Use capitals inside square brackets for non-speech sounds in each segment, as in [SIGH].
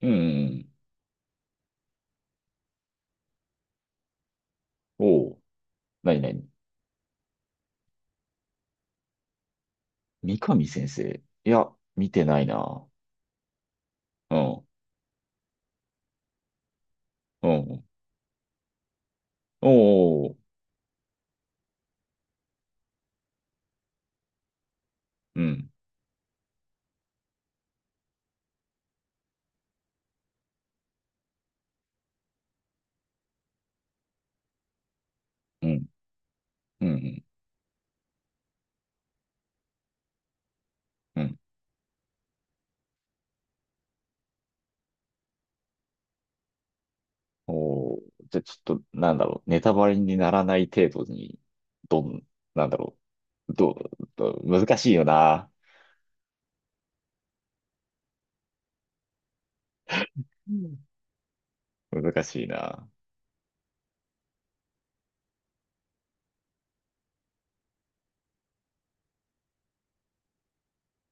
うん。おう。なになに、三上先生。いや、見てないな。うん。うん。おう。うん。うん。うん。うん。おう。じゃ、ちょっと、なんだろう。ネタバレにならない程度に、どん、なんだろう。どう難しいよな。うん。難しいな。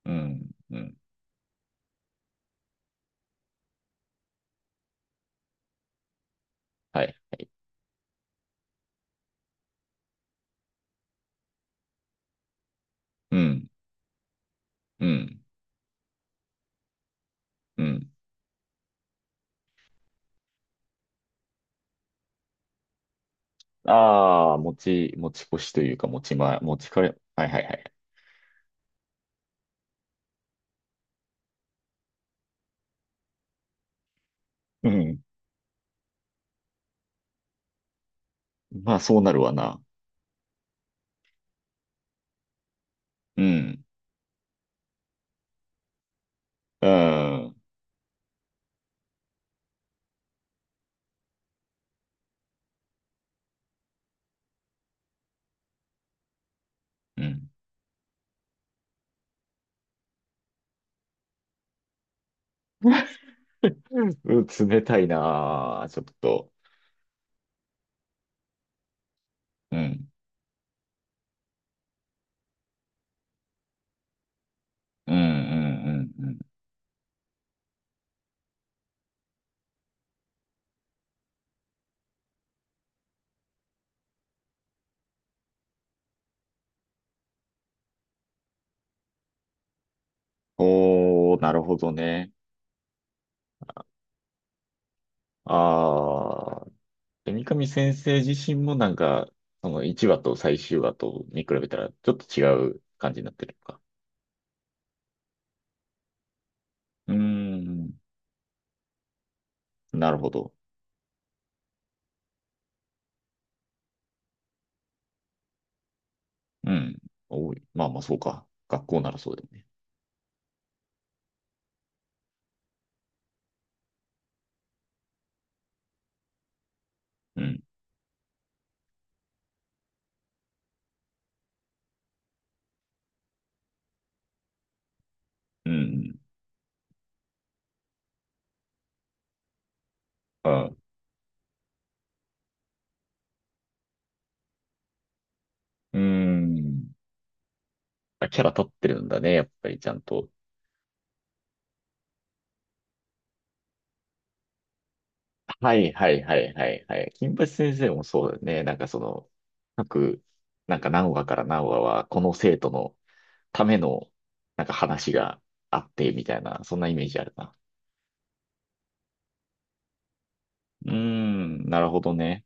うん。うん。はい。うん。うん。うん。ああ、持ち越しというか、持ち前、持ちかれ、はいはいはい。うん。まあ、そうなるわな。うん。うん。うん。うん [LAUGHS] 冷たいなあ、ちょっと。うん。うんうんうんうん。おー、なるほどね。ああ、三上先生自身もなんか、その1話と最終話と見比べたらちょっと違う感じになってるのか。うーん、なるほど。うん。おい、まあまあそうか。学校ならそうだよね。うん、うん、うん。あ、うーん。あ、キャラ立ってるんだね、やっぱりちゃんと。はいはいはいはいはい。金八先生もそうだよね。なんかその、各、なんか何話から何話は、この生徒のための、なんか話があって、みたいな、そんなイメージあるな。うーん、なるほどね。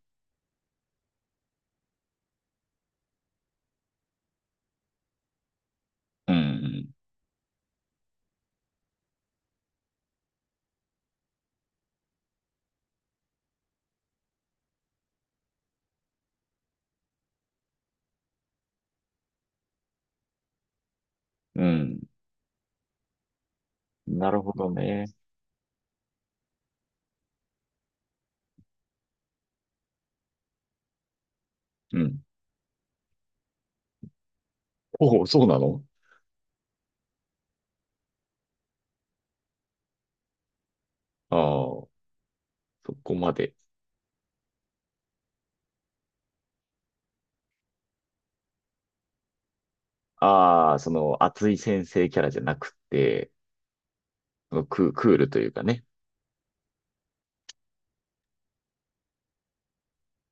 うん、うん、うん、なるほどね。うん。おお、そうなの？ああー、そこまで。ああ、その、熱い先生キャラじゃなくて、そのクールというかね。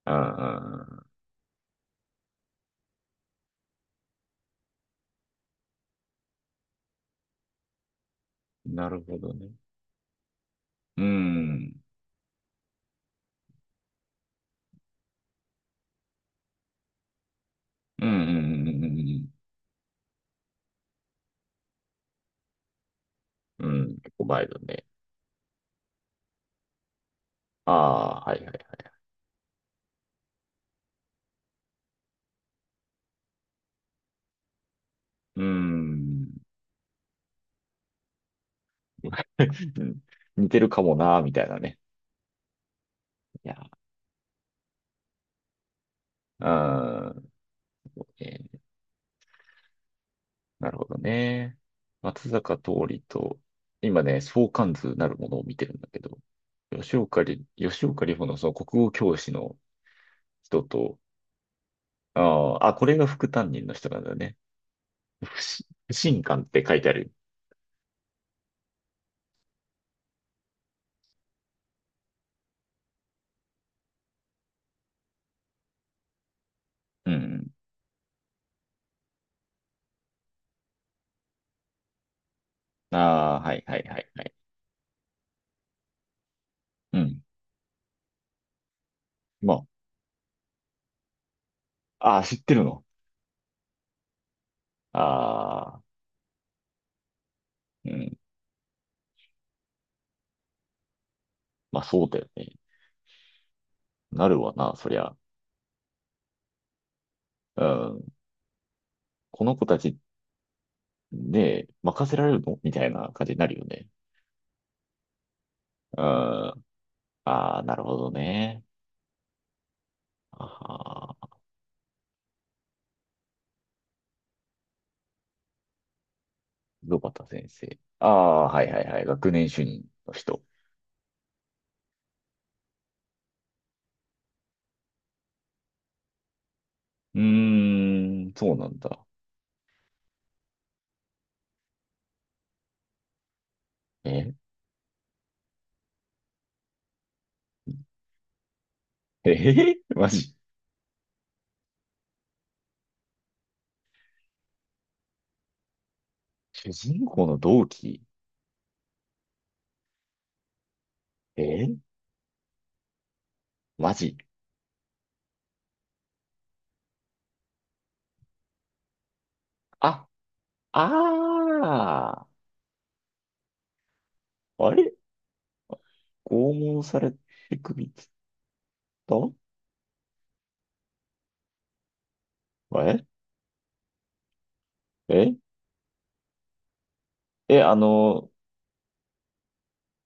あん、なるほどね。うん。うんうんうんうんうん。うん、結構前だね。ああ、はいはいはい。うーん。[LAUGHS] 似てるかもな、みたいなね。いや、うーん、えーなるほどね。松坂桃李と、今ね、相関図なるものを見てるんだけど、吉岡里帆のその国語教師の人と、あーあ、これが副担任の人なんだね。不信感って書いてある。うん。ああ、はいはいはいはい。うん。まあ、ああ、知ってるの。ああ、うん。まあそうだよね。なるわな、そりゃ。うん。この子たちで任せられるのみたいな感じになるよね。うん。ああ、なるほどね。ああ、ロバタ先生。ああ、はいはいはい。学年主任の人。うーん、そうなんだ。えええ [LAUGHS] マジ。主人公の同期。え、マジ。あ、ああ、あれ拷問されて首つった？えええ、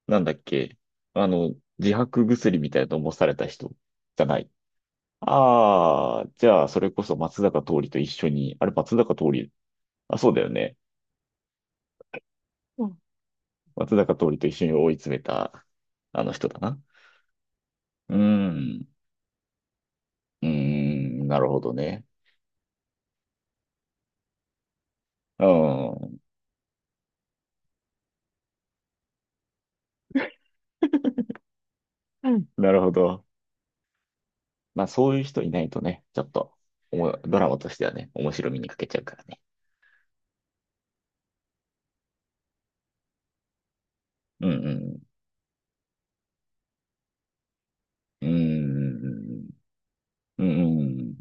なんだっけ、自白薬みたいなのもされた人じゃない。ああ、じゃあ、それこそ松坂桃李と一緒に、あれ松坂桃李、あ、そうだよね。うん。松坂桃李と一緒に追い詰めた、あの人だな。うーん、うーん、なるほどね。うん、うん [LAUGHS] なるほど。まあ、そういう人いないとね、ちょっと、ドラマとしてはね、面白みに欠けちゃうからね。うん、うん、うーん、うん、うん。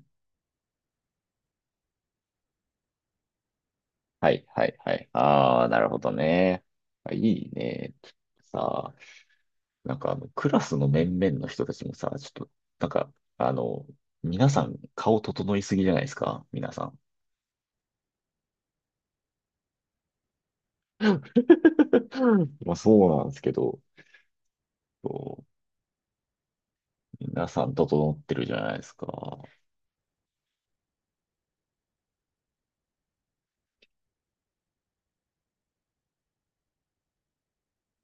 はいはいはい。ああ、なるほどね。あ、いいね。さあ、なんかクラスの面々の人たちもさ、ちょっと、なんか、あの、皆さん顔整いすぎじゃないですか、皆さん。うん、まあそうなんですけど、そう、皆さん整ってるじゃないですか。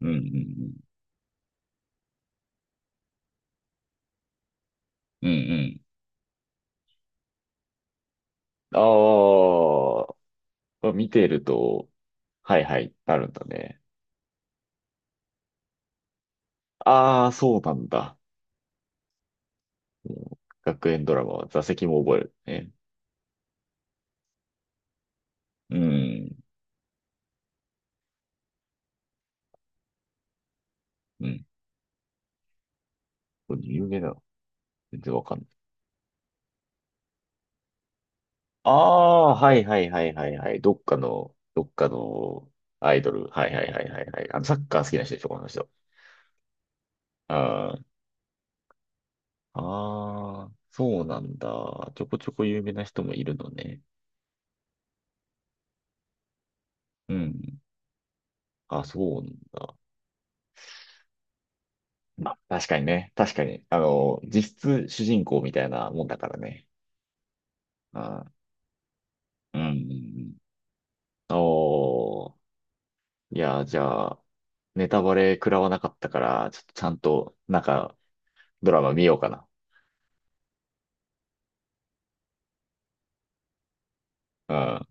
うんうんうん。うんうん。ああ、見てると、はいはい、なるんだね。ああ、そうなんだ。もう学園ドラマは座席も覚えるね。うん。うん、これ有名なの全然わかんない。ああ、はいはいはいはいはい。どっかの、どっかのアイドル。はいはいはいはいはい。あの、サッカー好きな人でしょ、この人。あーあー、そうなんだ。ちょこちょこ有名な人もいるのね。うん。あ、そうなんだ。まあ、確かにね。確かに。実質主人公みたいなもんだからね。あー、うんうんうん。おー。いや、じゃあ、ネタバレ食らわなかったから、ちょっとちゃんと、なんか、ドラマ見ようかな。うん。